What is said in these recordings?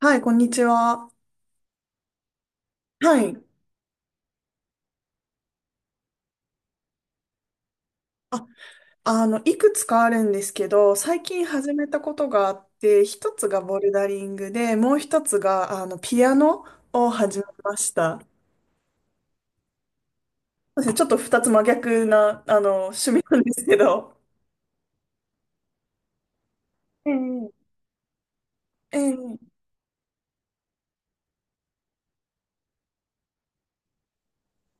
はい、こんにちは。はい。いくつかあるんですけど、最近始めたことがあって、一つがボルダリングで、もう一つが、ピアノを始めました。そうですね、ちょっと二つ真逆な、趣味なんですけど。ええええ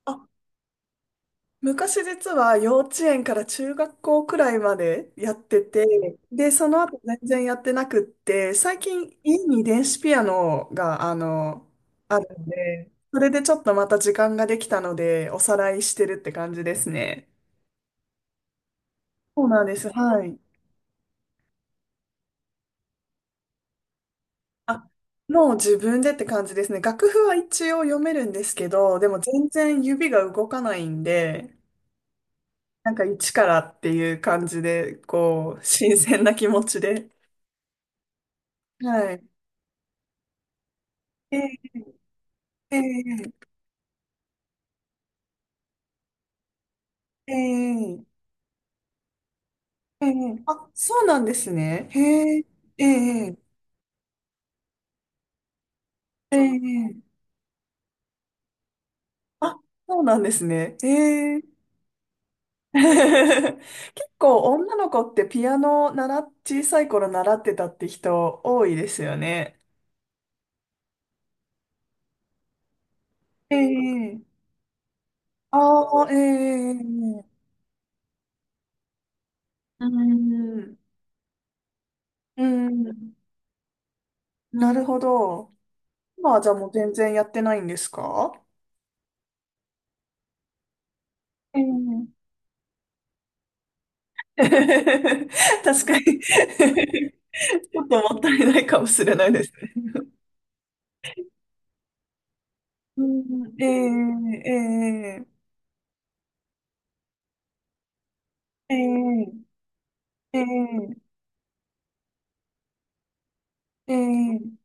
あ昔実は幼稚園から中学校くらいまでやってて、で、その後全然やってなくって、最近家に電子ピアノが、あるので、それでちょっとまた時間ができたので、おさらいしてるって感じですね。そうなんです。はい。あ、もう自分でって感じですね。楽譜は一応読めるんですけど、でも全然指が動かないんで、なんか一からっていう感じで、こう、新鮮な気持ちで。はい。ええ、ええ、ええ、あ、そうなんですね。へえ、ええ、ええ、あ、そうなんですね。へえ。結構女の子ってピアノ小さい頃習ってたって人多いですよね。ええ、ああ、ええ、うん、うん、なるほど。今はじゃあもう全然やってないんですか？ええ。確かにちょっともったいないかもしれないですね。うん、ええええええええええ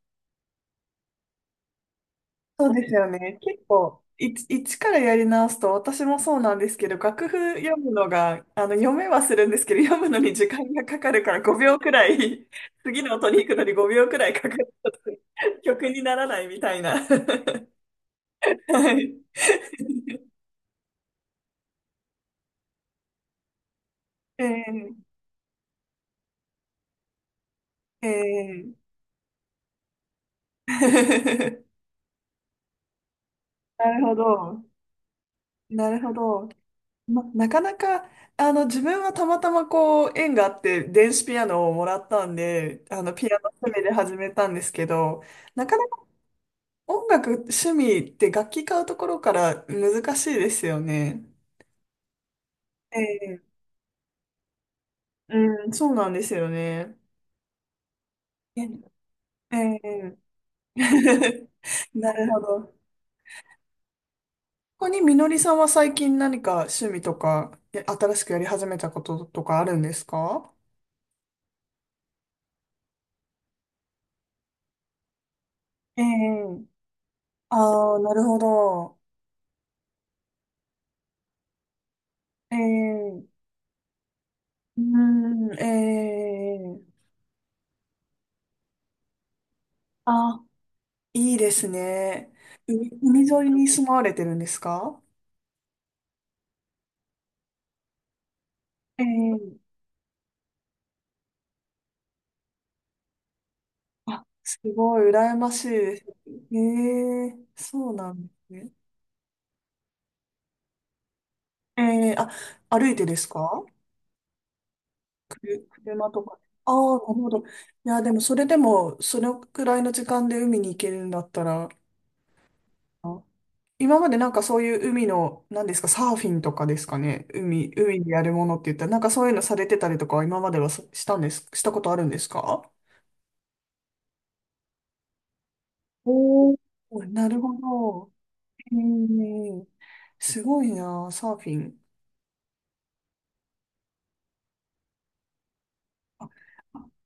そうですよね。結構、一からやり直すと、私もそうなんですけど、楽譜読むのが、読めはするんですけど、読むのに時間がかかるから5秒くらい、次の音に行くのに5秒くらいかかると、曲にならないみたいな。はい。ええええ なるほど。なるほど。ま、なかなか、自分はたまたまこう、縁があって、電子ピアノをもらったんで、ピアノ趣味で始めたんですけど、なかなか音楽趣味って楽器買うところから難しいですよね。ええ、うん、そうなんですよね。ええ、ええ なるほど。ここにみのりさんは最近何か趣味とか、新しくやり始めたこととかあるんですか？ええ、ああ、なるほど。ええうーん、ええあ、いいですね。海沿いに住まわれてるんですか？ええあ、すごい、羨ましいです。ええそうなんですね。ええあ、歩いてですか？車とか。ああ、なるほど。いや、でも、それでも、そのくらいの時間で海に行けるんだったら、あ今までなんかそういう海の、何ですか、サーフィンとかですかね。海でやるものって言ったら、なんかそういうのされてたりとかは今まではさしたことあるんですか？おーおーなるほど。えー、すごいな、サーフィン。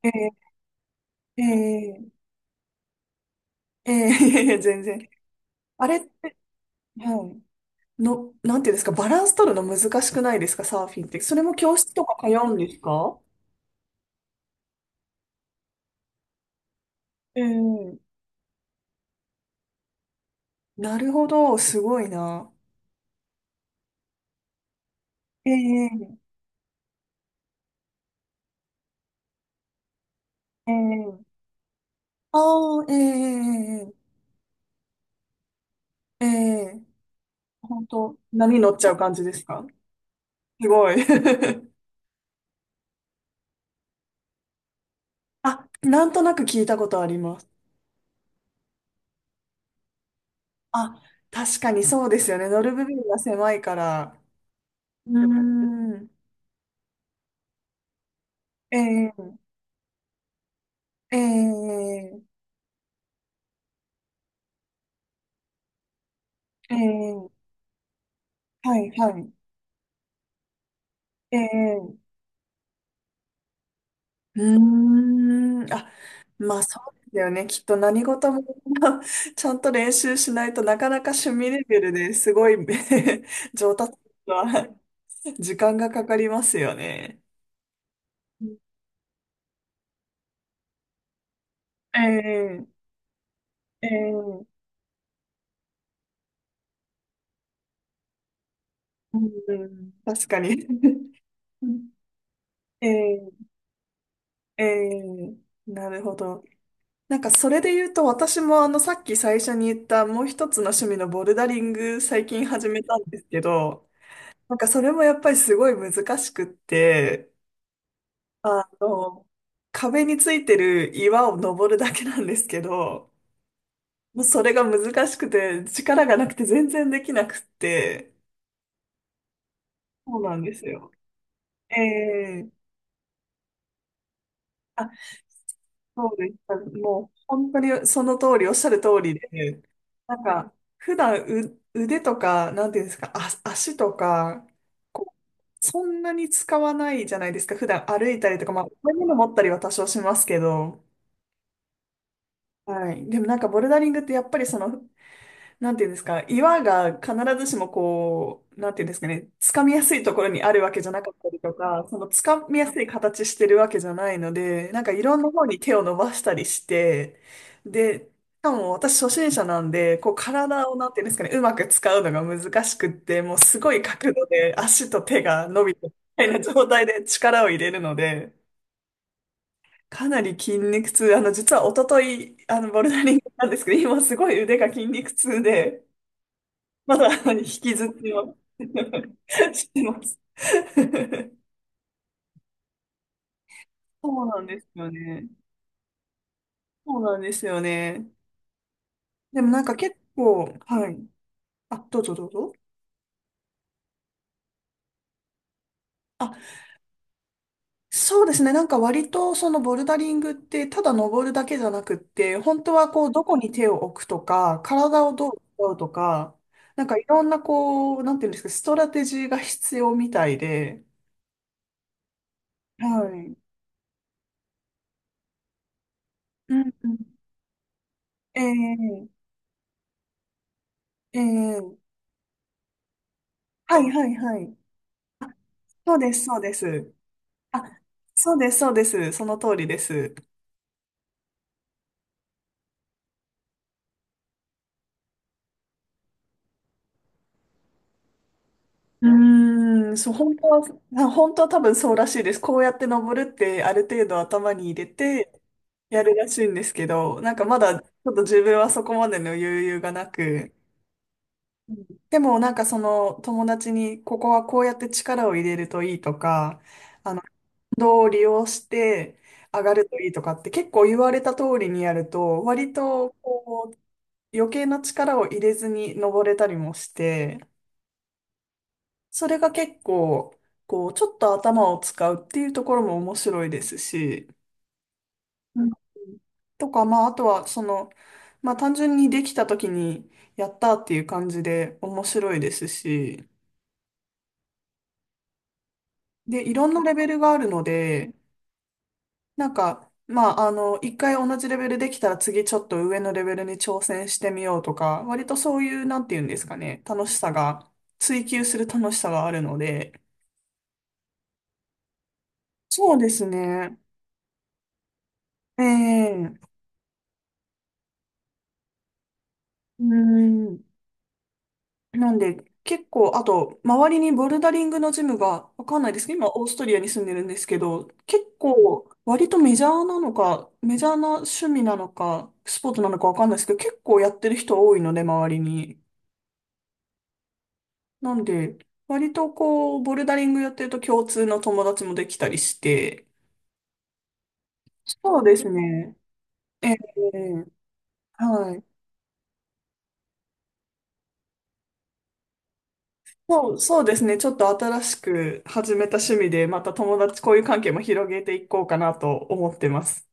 あえー、えー、えー、全然。あれ、はい。の、なんていうんですか、バランス取るの難しくないですか、サーフィンって。それも教室とか通うんですか？えー、なるほど、すごいな。えーええああ、ええええええ本当、波乗っちゃう感じですか？すごい。あ、なんとなく聞いたことあります。あ、確かにそうですよね。乗る部分が狭いから。うーん。ええええええはい、はい。ええうーん。あ、まあそうですよね。きっと何事も ちゃんと練習しないとなかなか趣味レベルですごい 上達は 時間がかかりますよね。ええ、ええ、うん、確かに。ええ、ええ、なるほど。なんかそれで言うと、私もさっき最初に言ったもう一つの趣味のボルダリング最近始めたんですけど、なんかそれもやっぱりすごい難しくって、あの、壁についてる岩を登るだけなんですけど、もうそれが難しくて、力がなくて全然できなくって、そうなんですよ。ええあ、そうでした。もう本当にその通り、おっしゃる通りで、なんか、普段腕とか、なんていうんですか、あ、足とか、こう、そんなに使わないじゃないですか。普段歩いたりとか、まあ、重いもの持ったりは多少しますけど、はい。でもなんかボルダリングってやっぱりそのなんていうんですか、岩が必ずしもこう、なんていうんですかね、掴みやすいところにあるわけじゃなかったりとか、その掴みやすい形してるわけじゃないので、なんかいろんな方に手を伸ばしたりして、で、しかも私初心者なんで、こう体をなんていうんですかね、うまく使うのが難しくって、もうすごい角度で足と手が伸びてみたいな状態で力を入れるので、かなり筋肉痛、実は一昨日、ボルダリングなんですけど、今すごい腕が筋肉痛で、まだ引きずっては してます。そうなんですよね。そうなんですよね。でもなんか結構、はい。あ、どうぞどうぞ。あ、そうですね。なんか割とそのボルダリングってただ登るだけじゃなくって、本当はこうどこに手を置くとか、体をどう使うとか、なんかいろんなこう、なんていうんですか、ストラテジーが必要みたいで、はい。うんうん。ええええはいはいはい。そうです、そうです。あ、そうです、そうです。その通りです。うーん、そう本当は、あ本当は多分そうらしいです。こうやって登るってある程度頭に入れてやるらしいんですけど、なんかまだちょっと自分はそこまでの余裕がなく、でもなんかその友達にここはこうやって力を入れるといいとか、あの、運動を利用して上がるといいとかって結構言われた通りにやると、割と余計な力を入れずに登れたりもして、それが結構、こう、ちょっと頭を使うっていうところも面白いですし、うんとか、まあ、あとは、その、まあ、単純にできた時に、やったっていう感じで面白いですし、で、いろんなレベルがあるので、なんか、まあ、一回同じレベルできたら次ちょっと上のレベルに挑戦してみようとか、割とそういう、なんていうんですかね、楽しさが、追求する楽しさがあるので、そうですね。ええうーん。なんで、結構、あと、周りにボルダリングのジムが、わかんないですけど、今、オーストリアに住んでるんですけど、結構、割とメジャーなのか、メジャーな趣味なのか、スポーツなのかわかんないですけど、結構やってる人多いので、周りに。なんで、割とこう、ボルダリングやってると共通の友達もできたりして、そうですね。ええはい。そう、そうですね。ちょっと新しく始めた趣味で、また友達、こういう関係も広げていこうかなと思ってます。